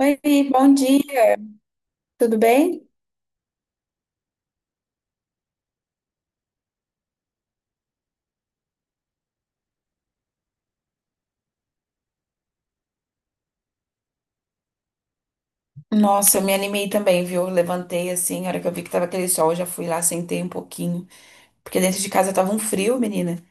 Oi, bom dia, tudo bem? Nossa, eu me animei também, viu? Eu Levantei assim, a hora que eu vi que tava aquele sol, eu já fui lá, sentei um pouquinho. Porque dentro de casa tava um frio, menina.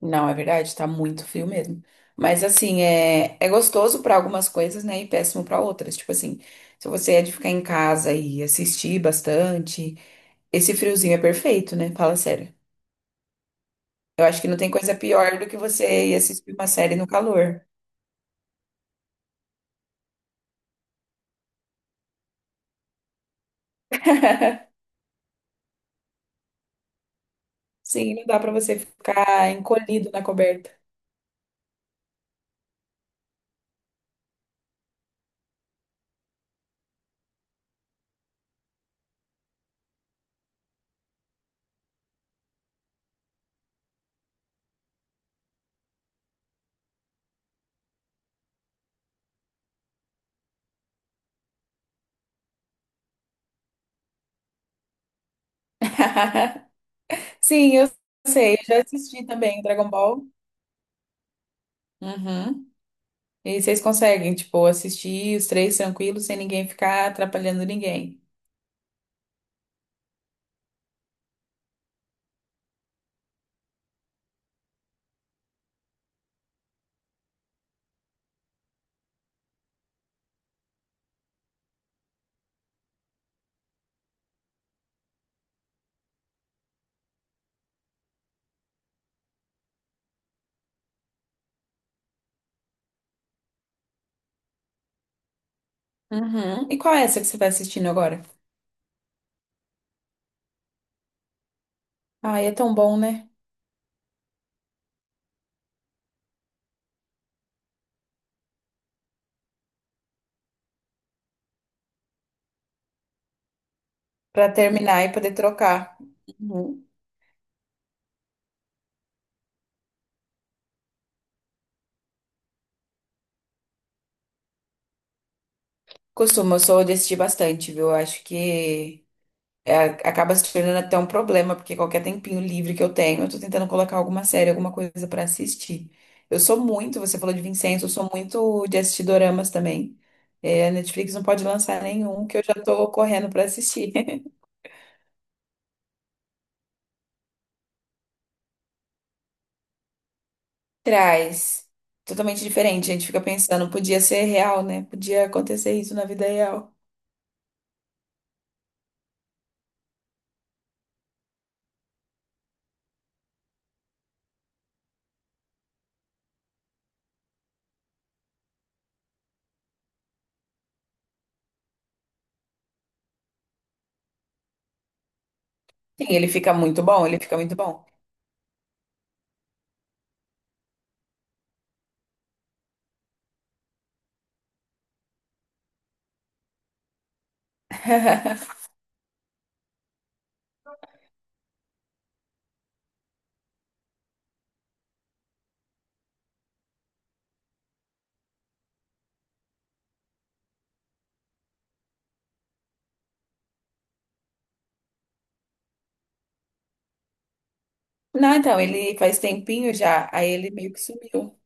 Não, é verdade, tá muito frio mesmo. Mas assim, é gostoso pra algumas coisas, né? E péssimo pra outras. Tipo assim, se você é de ficar em casa e assistir bastante, esse friozinho é perfeito, né? Fala sério. Eu acho que não tem coisa pior do que você ir assistir uma série no calor. Sim, não dá pra você ficar encolhido na coberta. Sim, eu sei, eu já assisti também Dragon Ball. Uhum. E vocês conseguem, tipo, assistir os três tranquilos, sem ninguém ficar atrapalhando ninguém. Uhum. E qual é essa que você vai assistindo agora? Ai, é tão bom, né? Pra terminar e poder trocar. Uhum. Costumo, eu sou de assistir bastante, viu? Eu acho que acaba se tornando até um problema, porque qualquer tempinho livre que eu tenho, eu tô tentando colocar alguma série, alguma coisa pra assistir. Eu sou muito, você falou de Vincenzo, eu sou muito de assistir doramas também. É, a Netflix não pode lançar nenhum que eu já tô correndo pra assistir. Traz. Totalmente diferente, a gente fica pensando, podia ser real, né? Podia acontecer isso na vida real. Sim, ele fica muito bom, ele fica muito bom. Não, então, ele faz tempinho já, aí ele meio que sumiu.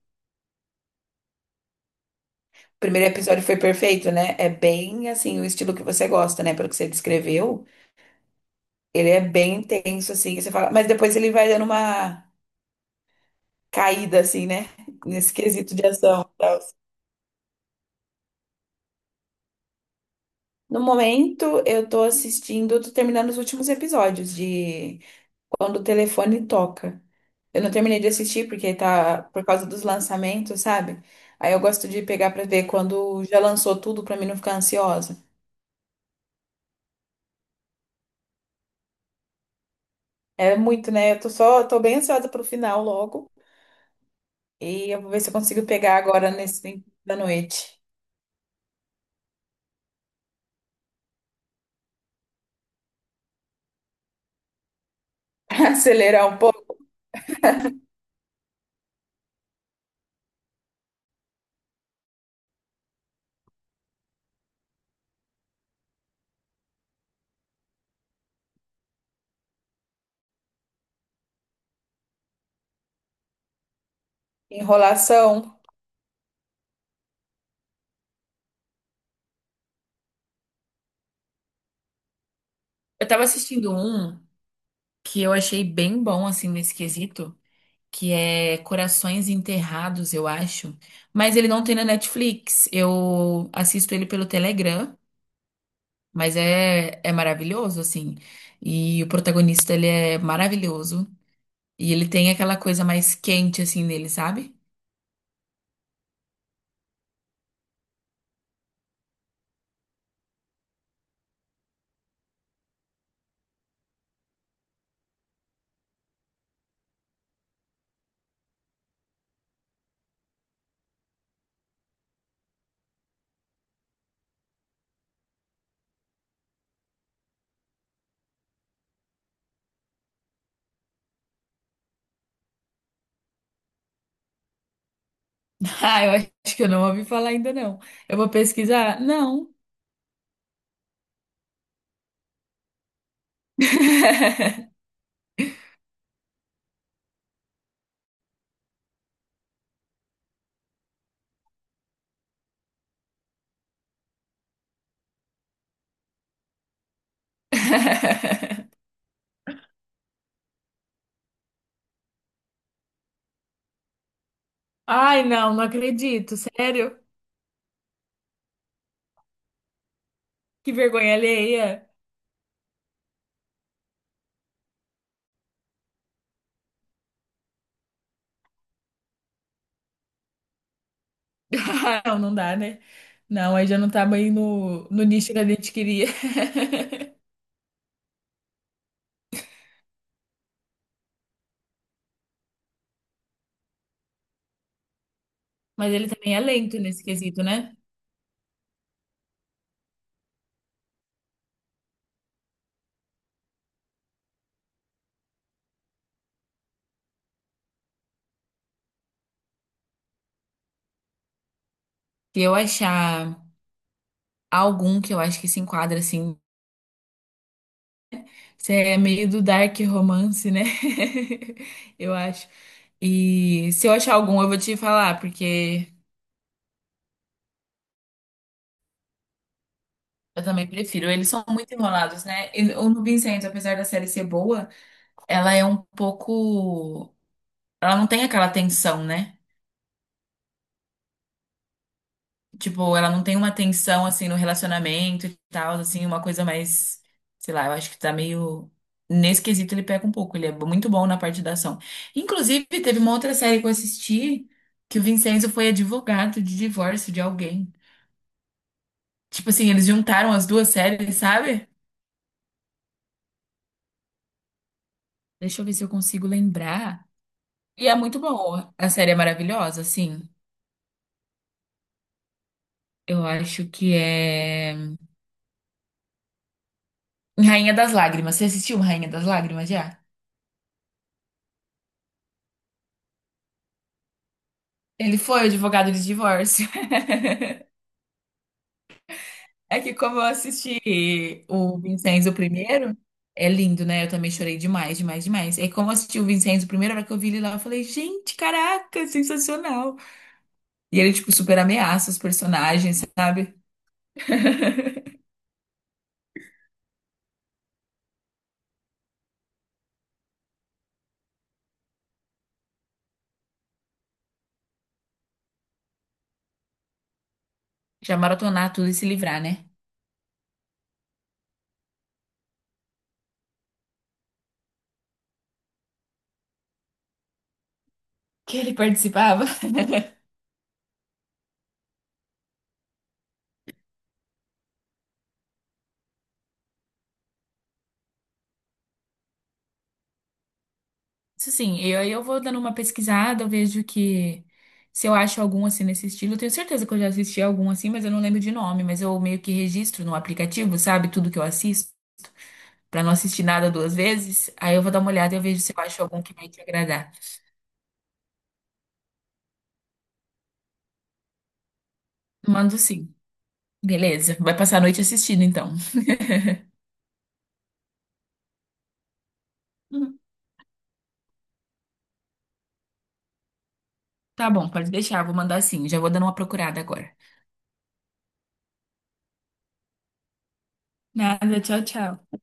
O primeiro episódio foi perfeito, né? É bem assim, o estilo que você gosta, né? Pelo que você descreveu, ele é bem intenso, assim, você fala, mas depois ele vai dando uma caída, assim, né? Nesse quesito de ação e tal. No momento, eu tô assistindo, tô terminando os últimos episódios de Quando o Telefone Toca. Eu não terminei de assistir porque tá por causa dos lançamentos, sabe? Aí eu gosto de pegar pra ver quando já lançou tudo pra mim não ficar ansiosa. É muito, né? Eu tô só, tô bem ansiosa pro final logo. E eu vou ver se eu consigo pegar agora nesse tempo da noite. Acelerar um pouco. Enrolação. Eu tava assistindo um que eu achei bem bom, assim, nesse quesito, que é Corações Enterrados, eu acho. Mas ele não tem na Netflix. Eu assisto ele pelo Telegram, mas é maravilhoso, assim. E o protagonista, ele é maravilhoso. E ele tem aquela coisa mais quente assim nele, sabe? Ah, eu acho que eu não ouvi falar ainda não. Eu vou pesquisar? Não. Ai, não, não acredito, sério? Que vergonha alheia. Não, não dá, né? Não, aí já não tá bem no nicho que a gente queria. Mas ele também é lento nesse quesito, né? Se eu achar algum que eu acho que se enquadra assim, se é meio do dark romance, né? Eu acho. E se eu achar algum, eu vou te falar, porque eu também prefiro. Eles são muito enrolados, né? E o Nubin Santos, apesar da série ser boa, ela é um pouco. Ela não tem aquela tensão, né? Tipo, ela não tem uma tensão assim no relacionamento e tal, assim, uma coisa mais, sei lá, eu acho que tá meio nesse quesito ele pega um pouco, ele é muito bom na parte da ação. Inclusive, teve uma outra série que eu assisti que o Vincenzo foi advogado de divórcio de alguém. Tipo assim, eles juntaram as duas séries, sabe? Deixa eu ver se eu consigo lembrar. E é muito boa. A série é maravilhosa, assim. Eu acho que é Rainha das Lágrimas. Você assistiu Rainha das Lágrimas já? Ele foi advogado de divórcio. É que como eu assisti o Vincenzo primeiro, é lindo, né? Eu também chorei demais, demais, demais. E como eu assisti o Vincenzo primeiro, a hora que eu vi ele lá, eu falei, gente, caraca, sensacional. E ele, tipo, super ameaça os personagens, sabe? Já maratonar tudo e se livrar, né? Que ele participava. Isso assim, eu vou dando uma pesquisada, eu vejo que se eu acho algum assim nesse estilo, eu tenho certeza que eu já assisti algum assim, mas eu não lembro de nome, mas eu meio que registro no aplicativo, sabe? Tudo que eu assisto. Pra não assistir nada duas vezes, aí eu vou dar uma olhada e eu vejo se eu acho algum que vai te agradar. Mando sim. Beleza. Vai passar a noite assistindo, então. Uhum. Tá bom, pode deixar. Vou mandar sim. Já vou dando uma procurada agora. Nada, tchau, tchau.